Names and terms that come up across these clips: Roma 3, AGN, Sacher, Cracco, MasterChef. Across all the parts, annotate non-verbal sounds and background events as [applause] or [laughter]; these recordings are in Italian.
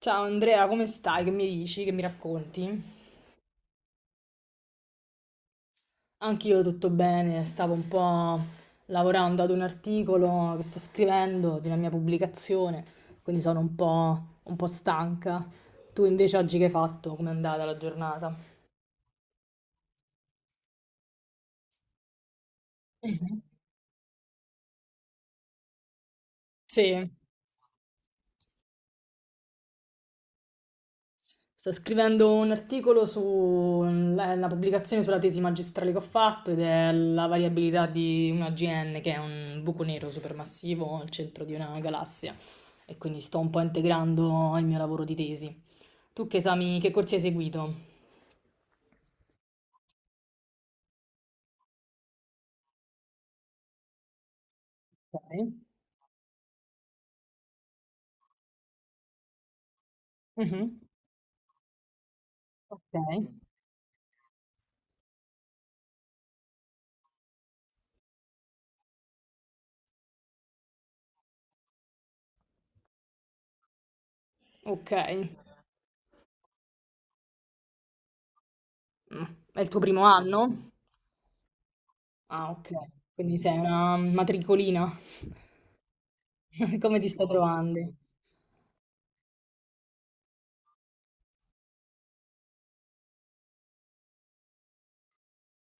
Ciao Andrea, come stai? Che mi dici? Che mi racconti? Anch'io tutto bene, stavo un po' lavorando ad un articolo che sto scrivendo di una mia pubblicazione, quindi sono un po' stanca. Tu invece oggi che hai fatto? Com'è andata la giornata? Mhm. Sì. Sto scrivendo un articolo sulla pubblicazione sulla tesi magistrale che ho fatto ed è la variabilità di un AGN, che è un buco nero supermassivo al centro di una galassia. E quindi sto un po' integrando il mio lavoro di tesi. Tu che esami, che corsi hai seguito? Ok. Mhm. Ok. Ok. Mm. È il tuo primo anno? Ah, ok. Quindi sei una matricolina. [laughs] Come ti stai trovando?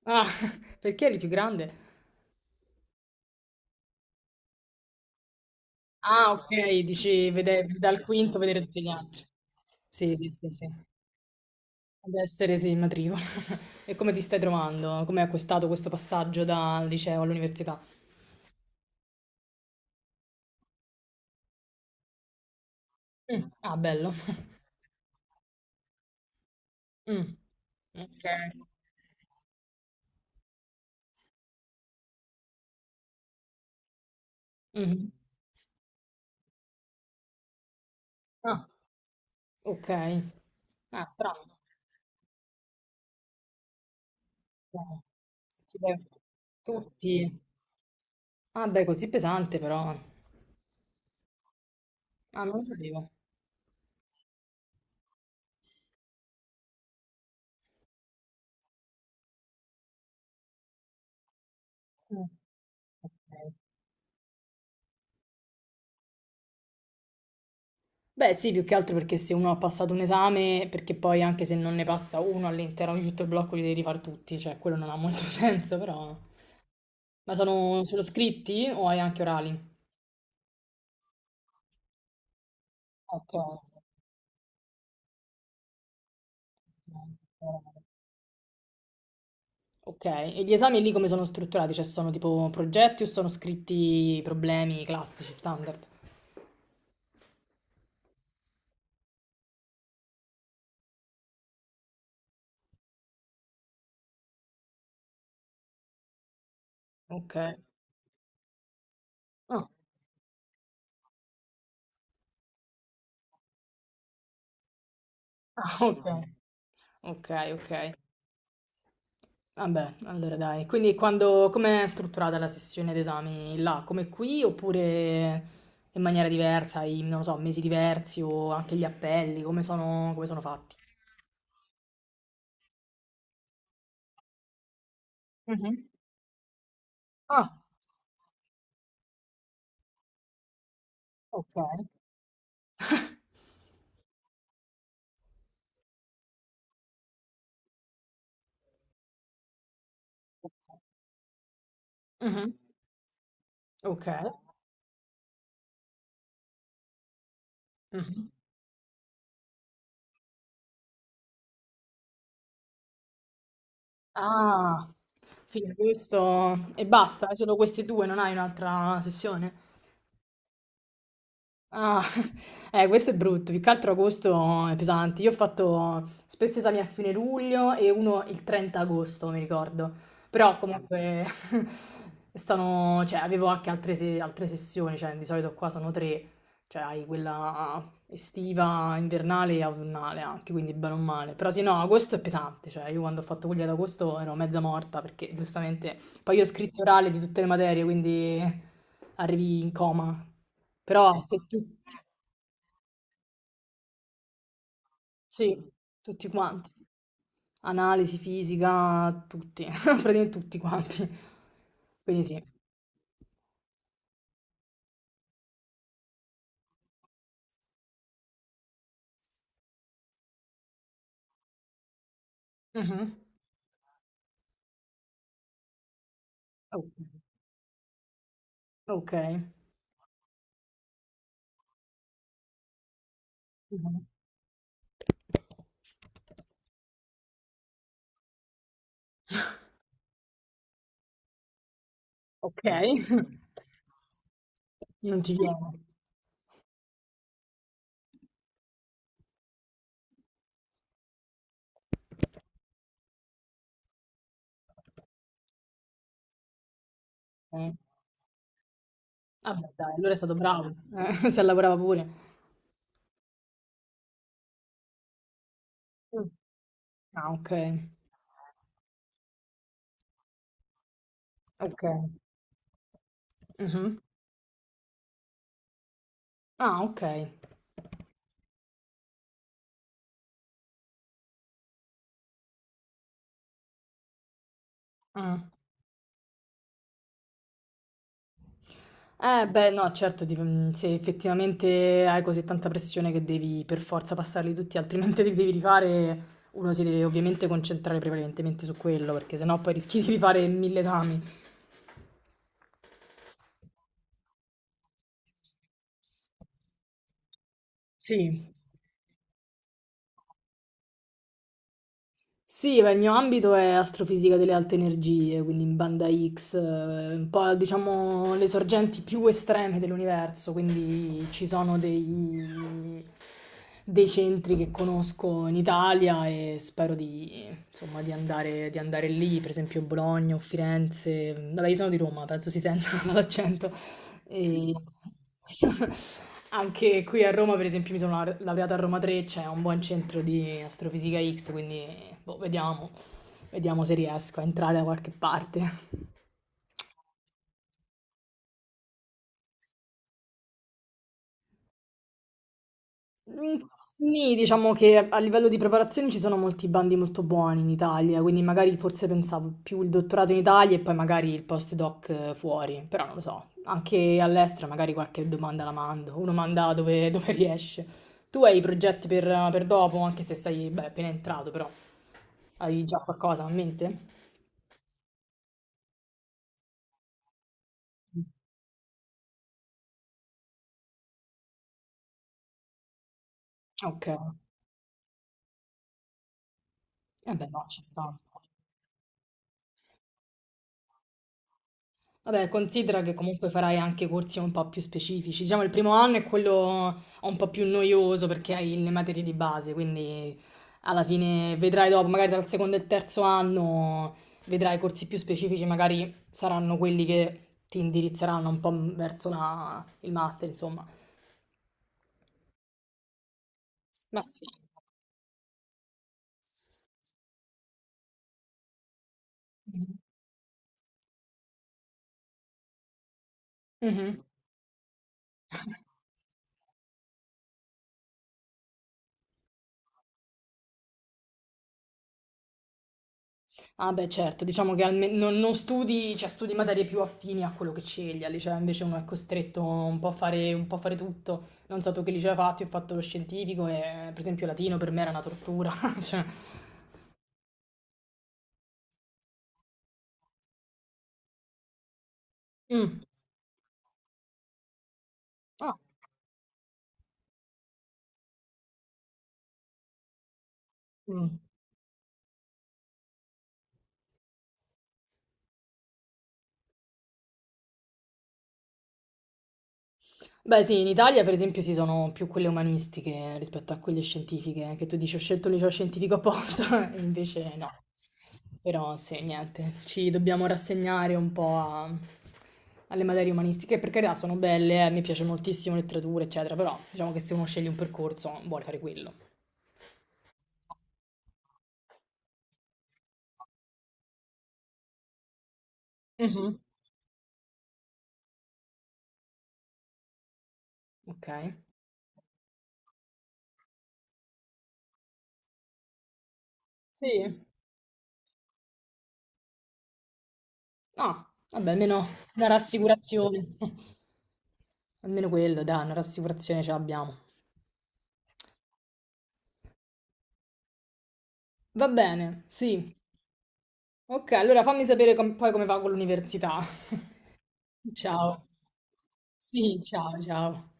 Ah, [laughs] perché eri più grande? Ah, ok, dici dal quinto vedere tutti gli altri. Sì, sì, sì, sì. Ad essere, sì, in matricola. [laughs] E come ti stai trovando? Come hai acquistato questo passaggio dal liceo all'università? Mm. Ah, bello. Mm. Ok. Mhm. Ah, ok. Ah, strano. Strano. Sì, beh. Tutti. Ah, beh, così pesante però. Ah, non lo sapevo. Mm. Ok. Beh, sì, più che altro perché se uno ha passato un esame, perché poi anche se non ne passa uno all'interno di tutto il blocco li devi rifare tutti, cioè quello non ha molto [laughs] senso, però. Ma sono solo scritti o hai anche orali? Ok. Ok, e gli esami lì come sono strutturati? Cioè sono tipo progetti o sono scritti problemi classici, standard? Ok. Ah, ah, ok, ok, ok. Vabbè, allora dai. Quindi quando, com'è strutturata la sessione d'esami là? Come qui oppure in maniera diversa, hai, non lo so, mesi diversi o anche gli appelli, come sono fatti? Mhm. Ah, ok. Mhm. Ok. Mhm. Ah, fino a questo e basta, solo questi due, non hai un'altra sessione? Ah, [laughs] questo è brutto, più che altro agosto è pesante. Io ho fatto spesso esami a fine luglio e uno il 30 agosto, mi ricordo. Però comunque [laughs] stanno, cioè, avevo anche altre, altre sessioni, cioè di solito qua sono tre, cioè hai quella estiva, invernale e autunnale anche, quindi bene o male. Però sì, no, agosto è pesante, cioè io quando ho fatto quelli ad agosto ero mezza morta perché giustamente poi io ho scritti orali di tutte le materie, quindi arrivi in coma. Però se tutti, sì, tutti quanti. Analisi, fisica, tutti, [laughs] praticamente tutti quanti. Quindi sì. Mhm. Oh. Ok. Mhm. Ok. [laughs] Non ti viene. Eh. Vabbè, dai, allora è stato bravo. [laughs] Si lavorava pure. Mm. Ah, ok. Ok. Mhm. Ah, ok. Ah. Beh, no, certo, mm, se effettivamente hai così tanta pressione che devi per forza passarli tutti, altrimenti [laughs] li devi rifare, uno si deve ovviamente concentrare prevalentemente su quello, perché sennò poi rischi di rifare mille esami. Sì. Sì, beh, il mio ambito è astrofisica delle alte energie, quindi in banda X, un po' diciamo le sorgenti più estreme dell'universo, quindi ci sono dei centri che conosco in Italia e spero di, insomma, di andare lì, per esempio Bologna o Firenze. Vabbè, io sono di Roma, penso si senta [laughs] dall'accento. E [laughs] anche qui a Roma, per esempio, mi sono laureata a Roma 3, c'è un buon centro di Astrofisica X, quindi boh, vediamo se riesco a entrare da qualche parte. Mm. Sì, diciamo che a livello di preparazione ci sono molti bandi molto buoni in Italia, quindi magari forse pensavo più il dottorato in Italia e poi magari il postdoc fuori, però non lo so, anche all'estero magari qualche domanda la mando, uno manda dove, [laughs] dove riesce. Tu hai progetti per dopo, anche se sei, beh, appena entrato, però hai già qualcosa in mente? Ok, eh beh no, ci sta. Vabbè, considera che comunque farai anche corsi un po' più specifici. Diciamo, il primo anno è quello un po' più noioso perché hai le materie di base, quindi alla fine vedrai dopo, magari dal secondo e il terzo anno vedrai corsi più specifici, magari saranno quelli che ti indirizzeranno un po' verso la- il master, insomma. Ma sì. Mhm. Mhm. Ah beh, certo, diciamo che non studi, cioè studi materie più affini a quello che scegli, al liceo invece uno è costretto un po' a fare, un po' a fare tutto. Non so tu che liceo hai fatto, io ho fatto lo scientifico e per esempio latino per me era una tortura. [laughs] Cioè, mm. Ah. Mm. Beh, sì, in Italia per esempio ci sono più quelle umanistiche rispetto a quelle scientifiche, che tu dici ho scelto il liceo scientifico apposta, [laughs] e invece no. Però sì, niente, ci dobbiamo rassegnare un po' a- alle materie umanistiche, per carità sono belle, mi piace moltissimo letteratura, eccetera, però diciamo che se uno sceglie un percorso vuole fare quello. Mhm. Ok? Sì. Ah, vabbè, almeno una rassicurazione. [laughs] Almeno quello, dai, una rassicurazione ce l'abbiamo. Va bene, sì. Ok, allora fammi sapere poi come va con l'università. [laughs] Ciao. Sì, ciao, ciao.